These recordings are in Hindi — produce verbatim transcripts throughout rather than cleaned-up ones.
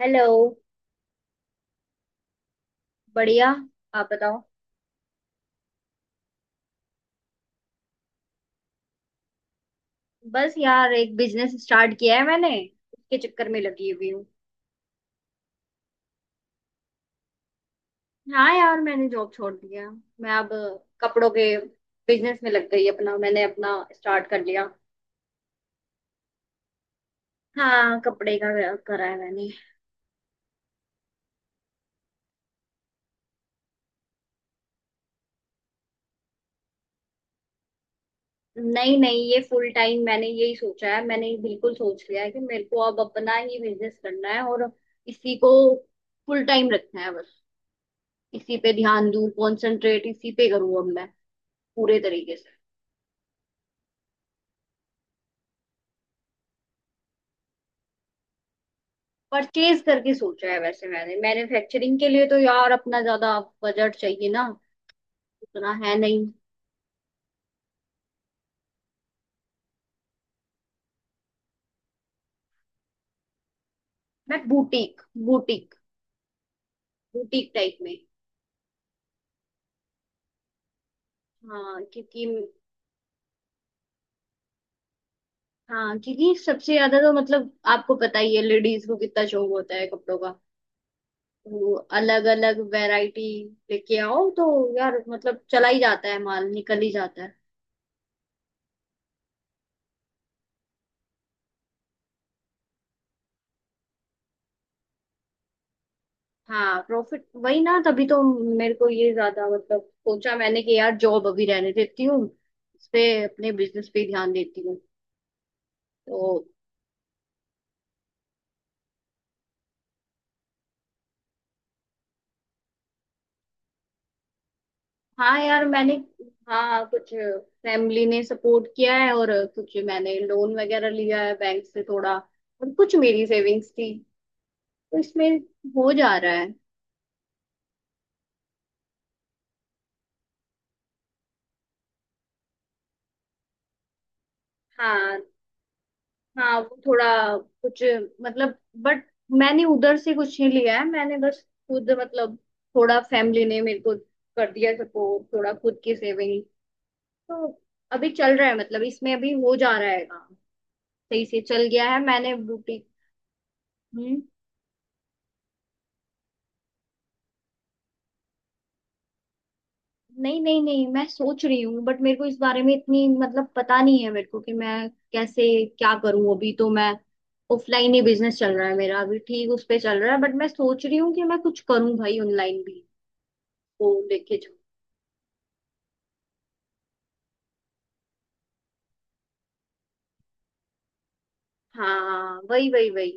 हेलो। बढ़िया। आप बताओ। बस यार एक बिजनेस स्टार्ट किया है मैंने। उसके चक्कर में लगी हुई हूँ। हाँ यार मैंने जॉब छोड़ दिया। मैं अब कपड़ों के बिजनेस में लग गई, अपना मैंने अपना स्टार्ट कर लिया। हाँ कपड़े का करा है मैंने। नहीं नहीं, ये फुल टाइम, मैंने यही सोचा है, मैंने बिल्कुल सोच लिया है कि मेरे को अब अपना ही बिजनेस करना है और इसी को फुल टाइम रखना है। बस इसी पे ध्यान दूं, कंसंट्रेट इसी पे करूँ अब मैं पूरे तरीके से। परचेज करके सोचा है वैसे मैंने, मैन्युफैक्चरिंग के लिए तो यार अपना ज्यादा बजट चाहिए ना, उतना है नहीं। मैं बुटीक, बुटीक बुटीक टाइप में। हाँ क्योंकि, हाँ क्योंकि सबसे ज्यादा तो मतलब आपको पता ही है लेडीज को कितना शौक होता है कपड़ों का। तो अलग अलग वैरायटी लेके आओ तो यार मतलब चला ही जाता है, माल निकल ही जाता है। हाँ प्रॉफिट वही ना, तभी तो मेरे को ये ज्यादा मतलब सोचा मैंने कि यार जॉब अभी रहने देती हूँ, इस पे, अपने बिजनेस पे ध्यान देती हूँ तो। हाँ यार मैंने, हाँ कुछ फैमिली ने सपोर्ट किया है और कुछ मैंने लोन वगैरह लिया है बैंक से थोड़ा, और कुछ मेरी सेविंग्स थी, तो इसमें हो जा रहा है। हाँ। हाँ वो थोड़ा कुछ मतलब, बट मैंने उधर से कुछ नहीं लिया है, मैंने बस खुद मतलब थोड़ा फैमिली ने मेरे को कर दिया सपोर्ट, थोड़ा खुद की सेविंग, तो अभी चल रहा है मतलब, इसमें अभी हो जा रहा है काम, सही से चल गया है मैंने बुटीक। हम्म नहीं नहीं नहीं, मैं सोच रही हूँ बट मेरे को इस बारे में इतनी मतलब पता नहीं है, मेरे को कि मैं कैसे क्या करूँ। अभी तो मैं ऑफलाइन ही बिजनेस चल रहा है मेरा, अभी ठीक उस पे चल रहा है, बट मैं सोच रही हूँ कि मैं कुछ करूँ भाई ऑनलाइन भी, वो लेके जाओ। हाँ वही वही वही,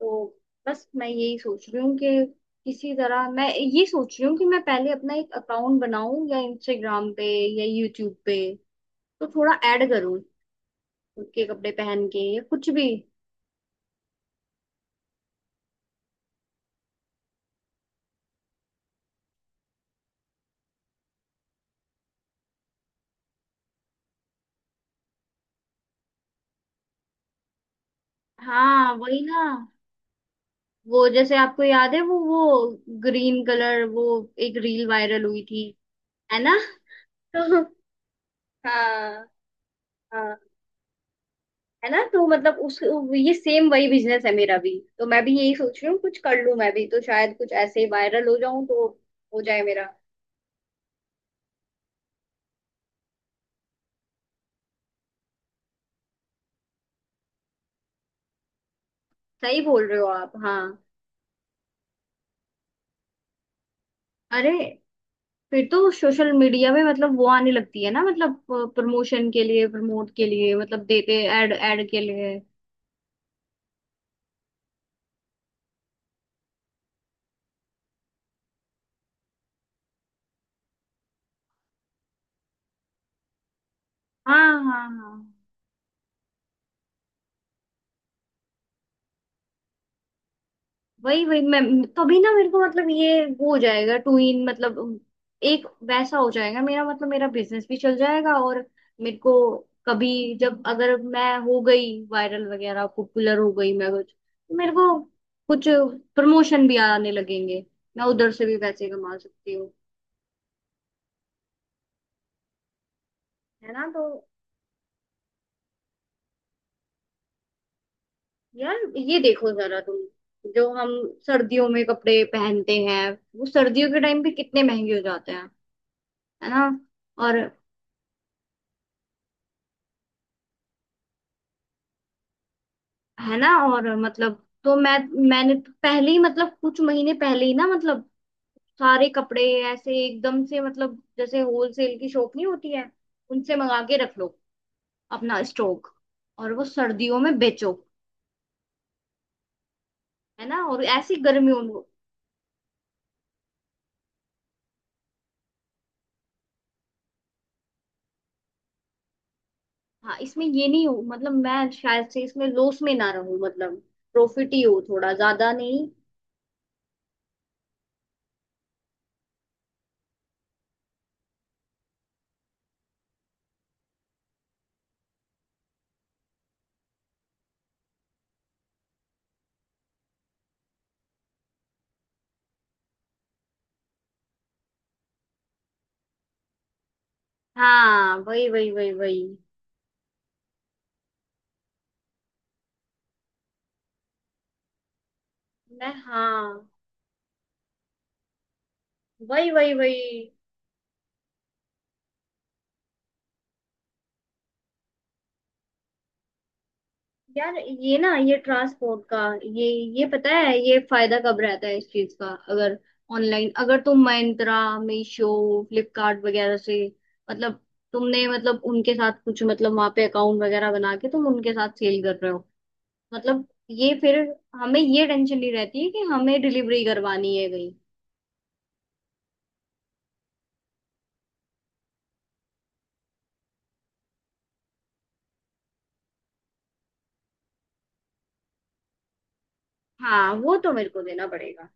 तो बस मैं यही सोच रही हूँ कि किसी तरह, मैं ये सोच रही हूँ कि मैं पहले अपना एक अकाउंट बनाऊं या इंस्टाग्राम पे या यूट्यूब पे, तो थोड़ा ऐड करूँ खुद के कपड़े पहन के या कुछ भी। हाँ वही ना, वो जैसे आपको याद है, वो वो ग्रीन कलर, वो एक रील वायरल हुई थी, है ना। तो हाँ। हाँ है ना, तो मतलब उस, ये सेम वही बिजनेस है मेरा भी, तो मैं भी यही सोच रही हूँ कुछ कर लूँ मैं भी तो, शायद कुछ ऐसे ही वायरल हो जाऊं तो हो जाए मेरा। सही बोल रहे हो आप, हाँ। अरे, फिर तो सोशल मीडिया में मतलब वो आने लगती है ना मतलब, प्रमोशन के लिए, प्रमोट के लिए मतलब, देते ऐड, ऐड के लिए। हाँ हाँ हाँ, वही वही, मैं, तभी ना मेरे को मतलब ये वो हो जाएगा टू इन मतलब, एक वैसा हो जाएगा, मेरा मतलब मेरा बिजनेस भी चल जाएगा, और मेरे को कभी, जब अगर मैं हो गई वायरल वगैरह, पॉपुलर हो गई मैं कुछ, तो मेरे को कुछ प्रमोशन भी आने लगेंगे, मैं उधर से भी पैसे कमा सकती हूँ। है ना, तो यार ये देखो जरा तुम, जो हम सर्दियों में कपड़े पहनते हैं वो सर्दियों के टाइम पे कितने महंगे हो जाते हैं, है ना। और, है ना और मतलब, तो मैं, मैंने तो पहले ही मतलब कुछ महीने पहले ही ना मतलब, सारे कपड़े ऐसे एकदम से मतलब, जैसे होलसेल की शॉप नहीं होती है, उनसे मंगा के रख लो, अपना स्टॉक, और वो सर्दियों में बेचो। है ना, और ऐसी गर्मियों में। हाँ इसमें ये नहीं हो मतलब, मैं शायद से इसमें लॉस में ना रहूं मतलब, प्रॉफिट ही हो थोड़ा ज्यादा नहीं। हाँ, वही वही वही वही, मैं, हाँ, वही वही वही। यार ये ना, ये ट्रांसपोर्ट का, ये ये पता है ये फायदा कब रहता है इस चीज का। अगर ऑनलाइन, अगर तुम Myntra, मीशो, फ्लिपकार्ट वगैरह से, मतलब तुमने मतलब उनके साथ कुछ मतलब वहां पे अकाउंट वगैरह बना के तुम उनके साथ सेल कर रहे हो, मतलब ये फिर हमें ये टेंशन नहीं रहती है कि हमें डिलीवरी करवानी है कहीं। हाँ वो तो मेरे को देना पड़ेगा।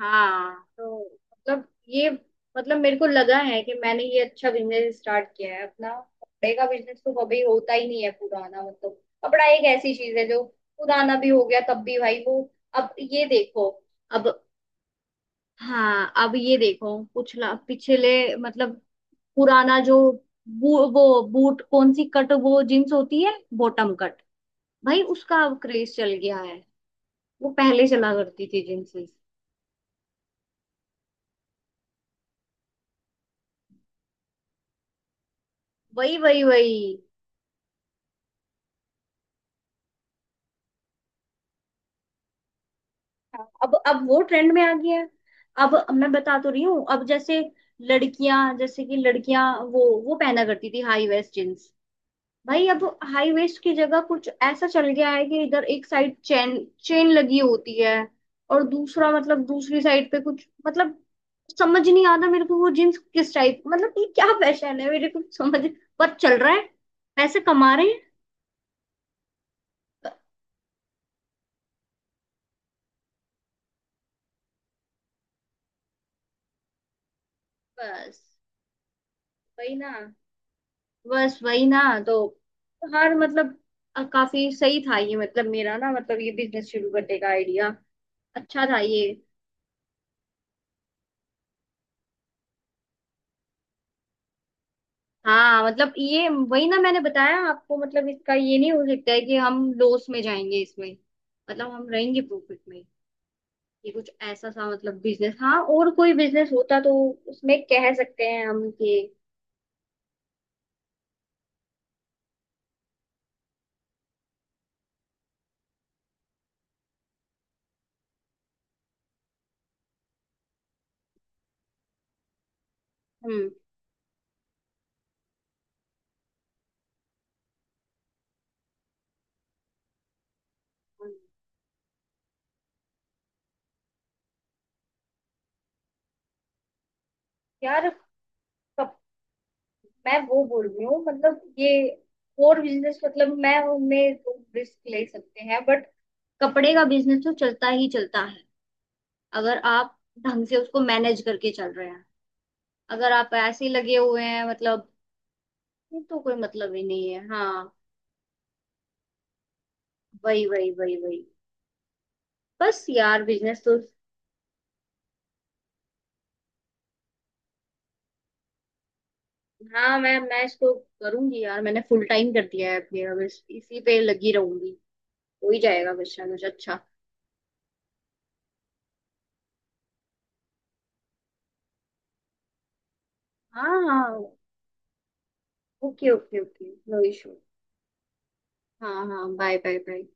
हाँ तो मतलब ये मतलब, मेरे को लगा है कि मैंने ये अच्छा बिजनेस स्टार्ट किया है अपना। कपड़े का बिजनेस तो कभी होता ही नहीं है पुराना, मतलब कपड़ा एक ऐसी चीज है जो पुराना भी हो गया तब भी भाई वो, अब ये देखो, अब, हाँ अब ये देखो, पिछला पिछले मतलब, पुराना जो, बू, वो बूट कौन सी कट वो जींस होती है, बॉटम कट, भाई उसका अब क्रेज चल गया है। वो पहले चला करती थी जींसेस। वही वही वही। हाँ, अब अब वो ट्रेंड में आ गया है। अब मैं बता तो रही हूँ, अब जैसे लड़कियां, जैसे कि लड़कियां वो वो पहना करती थी हाई वेस्ट जींस, भाई अब हाई वेस्ट की जगह कुछ ऐसा चल गया है कि इधर एक साइड चेन, चेन लगी होती है, और दूसरा मतलब दूसरी साइड पे कुछ मतलब, समझ नहीं आता मेरे को वो जींस किस टाइप, मतलब ये क्या फैशन है मेरे को समझ, पर चल रहा है, पैसे कमा रहे हैं। ब- बस वही ना, बस वही ना तो, हर मतलब, अ, काफी सही था ये मतलब मेरा ना, मतलब ये बिजनेस शुरू करने का आइडिया अच्छा था ये। हाँ मतलब ये वही ना, मैंने बताया आपको मतलब इसका ये नहीं हो सकता है कि हम लॉस में जाएंगे इसमें, मतलब हम रहेंगे प्रॉफिट में। ये कुछ ऐसा सा मतलब बिजनेस, हाँ और कोई बिजनेस होता तो उसमें कह सकते हैं हम कि। हम्म। यार कब, मैं वो बोल रही हूँ मतलब ये, और बिजनेस मतलब मैं उनमें रिस्क ले सकते हैं, बट कपड़े का बिजनेस तो चलता ही चलता है, अगर आप ढंग से उसको मैनेज करके चल रहे हैं, अगर आप ऐसे ही लगे हुए हैं मतलब, ये तो कोई मतलब ही नहीं है। हाँ, वही वही वही वही। बस यार, बिजनेस तो, हाँ मैं मैं इसको करूंगी यार, मैंने फुल टाइम कर दिया है मेरा, बस इसी पे लगी रहूंगी। हो ही जाएगा बस शायद मुझे, अच्छा। हाँ हाँ, okay okay okay, no issue. हाँ हाँ, बाय बाय बाय।